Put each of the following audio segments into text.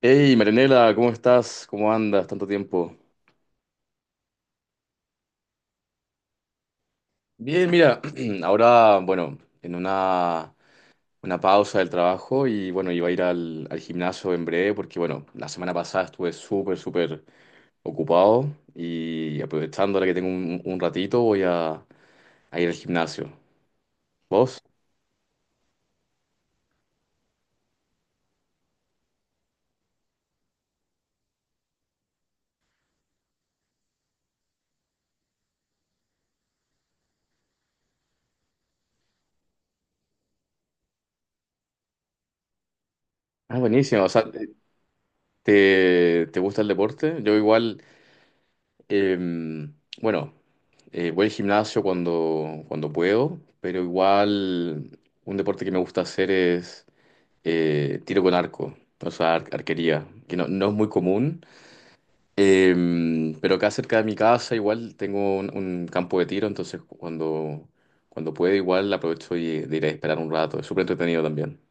Hey, Marianela, ¿cómo estás? ¿Cómo andas? Tanto tiempo. Bien, mira, ahora, bueno, en una pausa del trabajo y bueno, iba a ir al gimnasio en breve porque, bueno, la semana pasada estuve súper, súper ocupado y aprovechando ahora que tengo un ratito voy a ir al gimnasio. ¿Vos? Ah, buenísimo. O sea, ¿te gusta el deporte? Yo igual, em, bueno. Voy al gimnasio cuando puedo, pero igual un deporte que me gusta hacer es tiro con arco, o sea, arquería, que no, no es muy común, pero acá cerca de mi casa igual tengo un campo de tiro, entonces cuando puedo igual aprovecho y, de ir a esperar un rato, es súper entretenido también.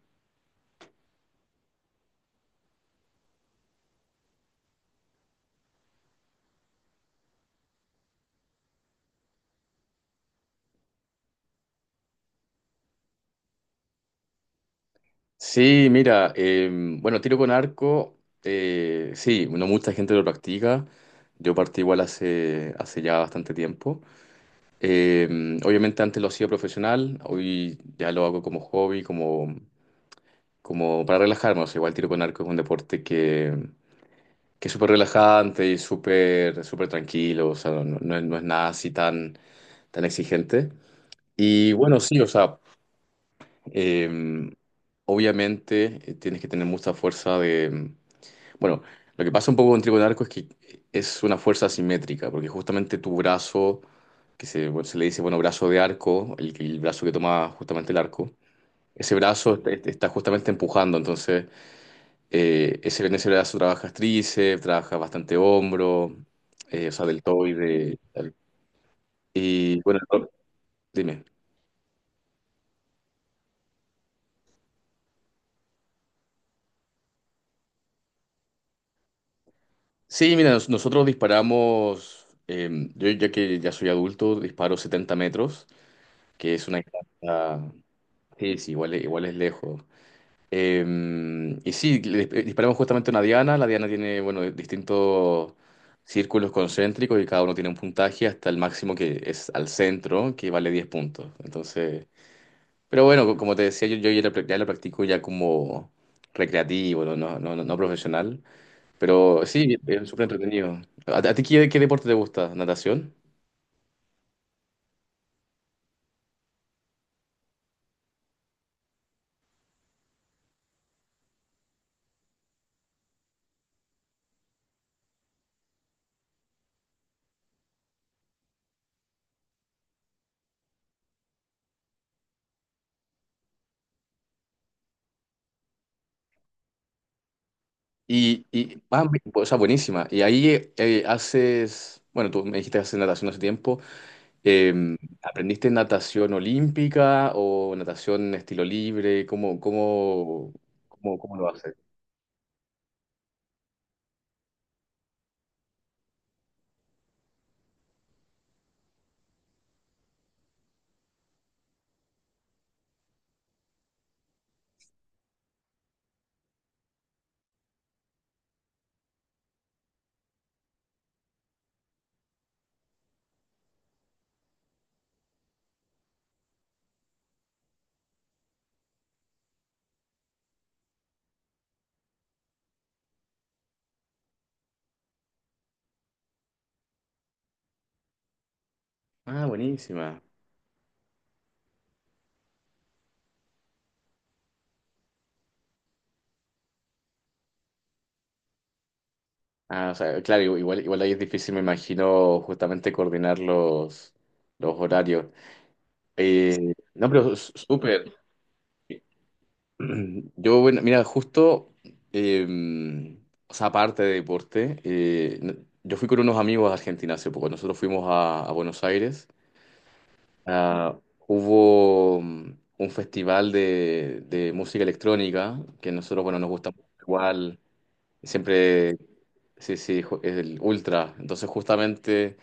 Sí, mira, bueno, tiro con arco, sí, no mucha gente lo practica, yo partí igual hace ya bastante tiempo. Eh, Obviamente antes lo hacía profesional, hoy ya lo hago como hobby, como, como para relajarme. O sea, igual tiro con arco es un deporte que es súper relajante y súper súper tranquilo, o sea, no, no es, no es nada así tan, tan exigente. Y bueno, sí, o sea, eh, obviamente tienes que tener mucha fuerza de, bueno, lo que pasa un poco con Trigo arco es que es una fuerza asimétrica, porque justamente tu brazo, que se, bueno, se le dice, bueno, brazo de arco, el brazo que toma justamente el arco, ese brazo está, está justamente empujando, entonces ese, en ese brazo trabajas tríceps, trabajas bastante hombro, o sea, deltoide, tal. Y bueno, no, dime. Sí, mira, nosotros disparamos, yo ya que ya soy adulto, disparo 70 metros, que es una distancia. Sí, sí, igual, igual es lejos. Eh, y sí, le disparamos justamente una diana. La diana tiene, bueno, distintos círculos concéntricos y cada uno tiene un puntaje hasta el máximo que es al centro, que vale 10 puntos. Entonces, pero bueno, como te decía, yo ya, lo, ya lo practico ya como recreativo, no, no, no, no profesional. Pero sí, es súper entretenido. A ti qué, qué deporte te gusta? ¿Natación? Y ah, o sea, buenísima. Y ahí haces, bueno, tú me dijiste que haces natación hace tiempo. Eh, ¿Aprendiste natación olímpica o natación estilo libre? ¿Cómo, cómo, cómo, cómo lo haces? Ah, buenísima. Ah, o sea, claro, igual, igual ahí es difícil, me imagino, justamente coordinar los horarios. No, pero súper. Yo, bueno, mira, justo, eh, o sea, aparte de deporte, yo fui con unos amigos a Argentina hace poco. Nosotros fuimos a Buenos Aires. Ah, hubo un festival de música electrónica que nosotros, bueno, nos gusta mucho igual, siempre, sí, sí, es el ultra. Entonces, justamente,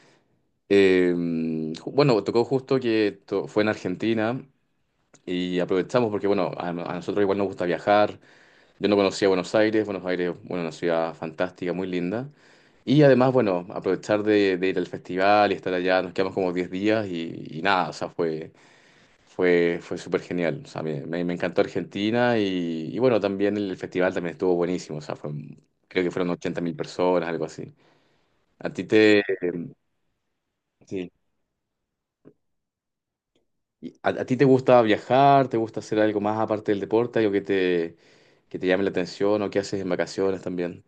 bueno, tocó justo que fue en Argentina y aprovechamos porque, bueno, a nosotros igual nos gusta viajar. Yo no conocía Buenos Aires, Buenos Aires, bueno, una ciudad fantástica, muy linda. Y además, bueno, aprovechar de ir al festival y estar allá, nos quedamos como 10 días y nada, o sea, fue. Fue, fue súper genial. O sea, me, me encantó Argentina y bueno, también el festival también estuvo buenísimo. O sea, fue, creo que fueron 80.000 personas, algo así. ¿A ti te, sí. ¿Y ¿A, a ti te gusta viajar? ¿Te gusta hacer algo más aparte del deporte? ¿Algo que te llame la atención o que haces en vacaciones también?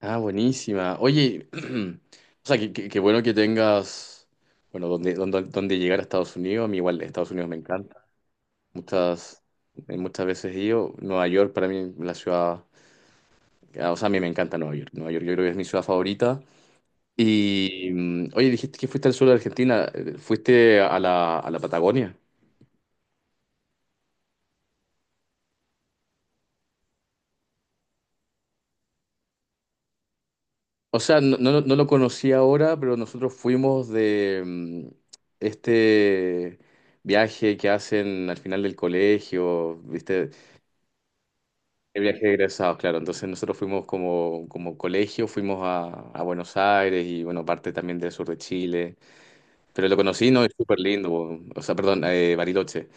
Ah, buenísima. Oye, o sea, que, que bueno que tengas, bueno, donde, donde, donde llegar a Estados Unidos. A mí igual Estados Unidos me encanta. Muchas, muchas veces he ido. Nueva York para mí, la ciudad ya, o sea, a mí me encanta Nueva York. Nueva York yo creo que es mi ciudad favorita. Y, oye, dijiste que fuiste al sur de Argentina. ¿Fuiste a la Patagonia? O sea, no, no, no lo conocí ahora, pero nosotros fuimos de este viaje que hacen al final del colegio, ¿viste? El viaje de egresados, claro. Entonces nosotros fuimos como, como colegio, fuimos a Buenos Aires y, bueno, parte también del sur de Chile. Pero lo conocí, ¿no? Es súper lindo. O sea, perdón, Bariloche.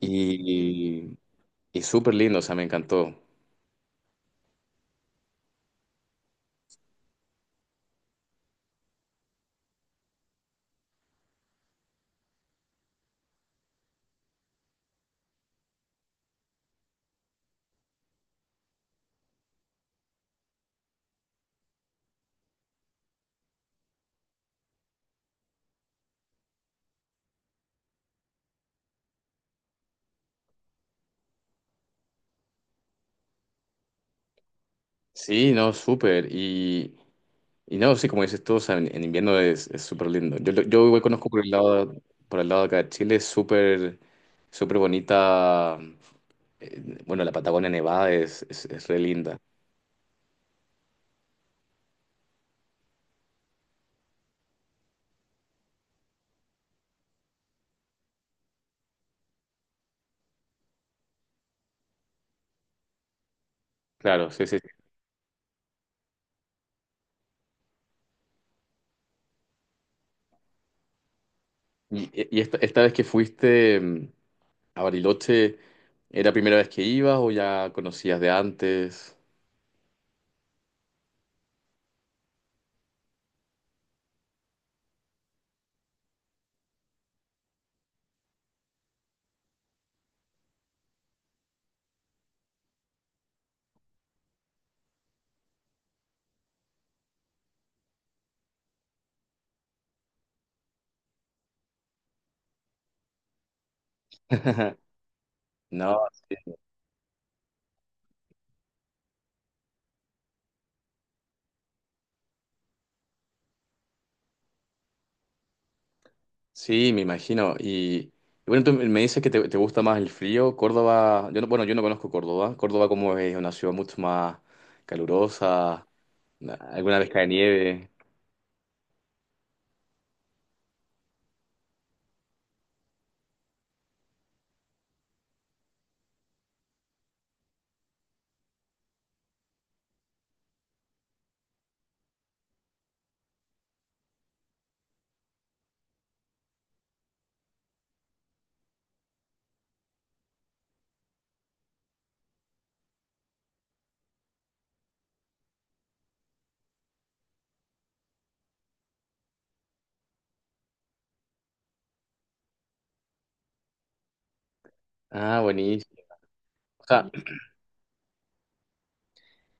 Y y súper lindo, o sea, me encantó. Sí, no, súper. Y no, sí, como dices tú, o sea, en invierno es súper lindo. Yo, yo igual conozco por el lado de acá de Chile, es súper, súper bonita. Bueno, la Patagonia Nevada es re linda. Claro, sí, sí. Sí. Y, e, y esta vez que fuiste a Bariloche, ¿era la primera vez que ibas o ya conocías de antes? No. Sí, me imagino. Y bueno, tú me dices que te gusta más el frío. Córdoba, yo no, bueno, yo no conozco Córdoba. Córdoba como es una ciudad mucho más calurosa, alguna vez cae nieve. Ah, buenísimo. O sea,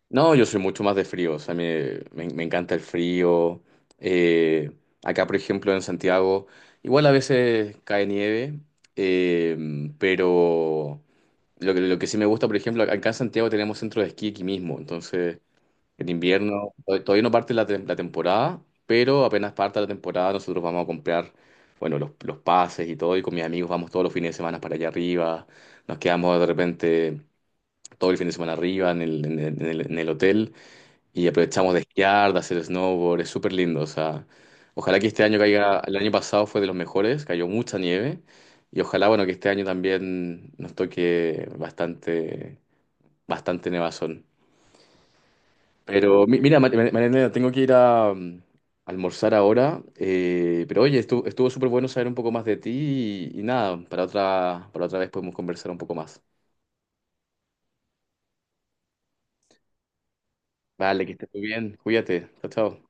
no, yo soy mucho más de frío, o sea, me, me encanta el frío. Eh, Acá, por ejemplo, en Santiago, igual a veces cae nieve, eh, pero lo que sí me gusta, por ejemplo, acá en Santiago tenemos centro de esquí aquí mismo, entonces. En invierno, todavía no parte la, la temporada, pero apenas parta la temporada, nosotros vamos a comprar, bueno, los pases y todo, y con mis amigos vamos todos los fines de semana para allá arriba, nos quedamos de repente todo el fin de semana arriba en el, en el hotel y aprovechamos de esquiar, de hacer snowboard, es súper lindo, o sea, ojalá que este año caiga, el año pasado fue de los mejores, cayó mucha nieve, y ojalá, bueno, que este año también nos toque bastante, bastante nevazón. Pero mira, Marianela, tengo que ir a, almorzar ahora. Pero oye, estuvo, estuvo súper bueno saber un poco más de ti y nada, para otra vez podemos conversar un poco más. Vale, que estés muy bien. Cuídate. Chao, chao.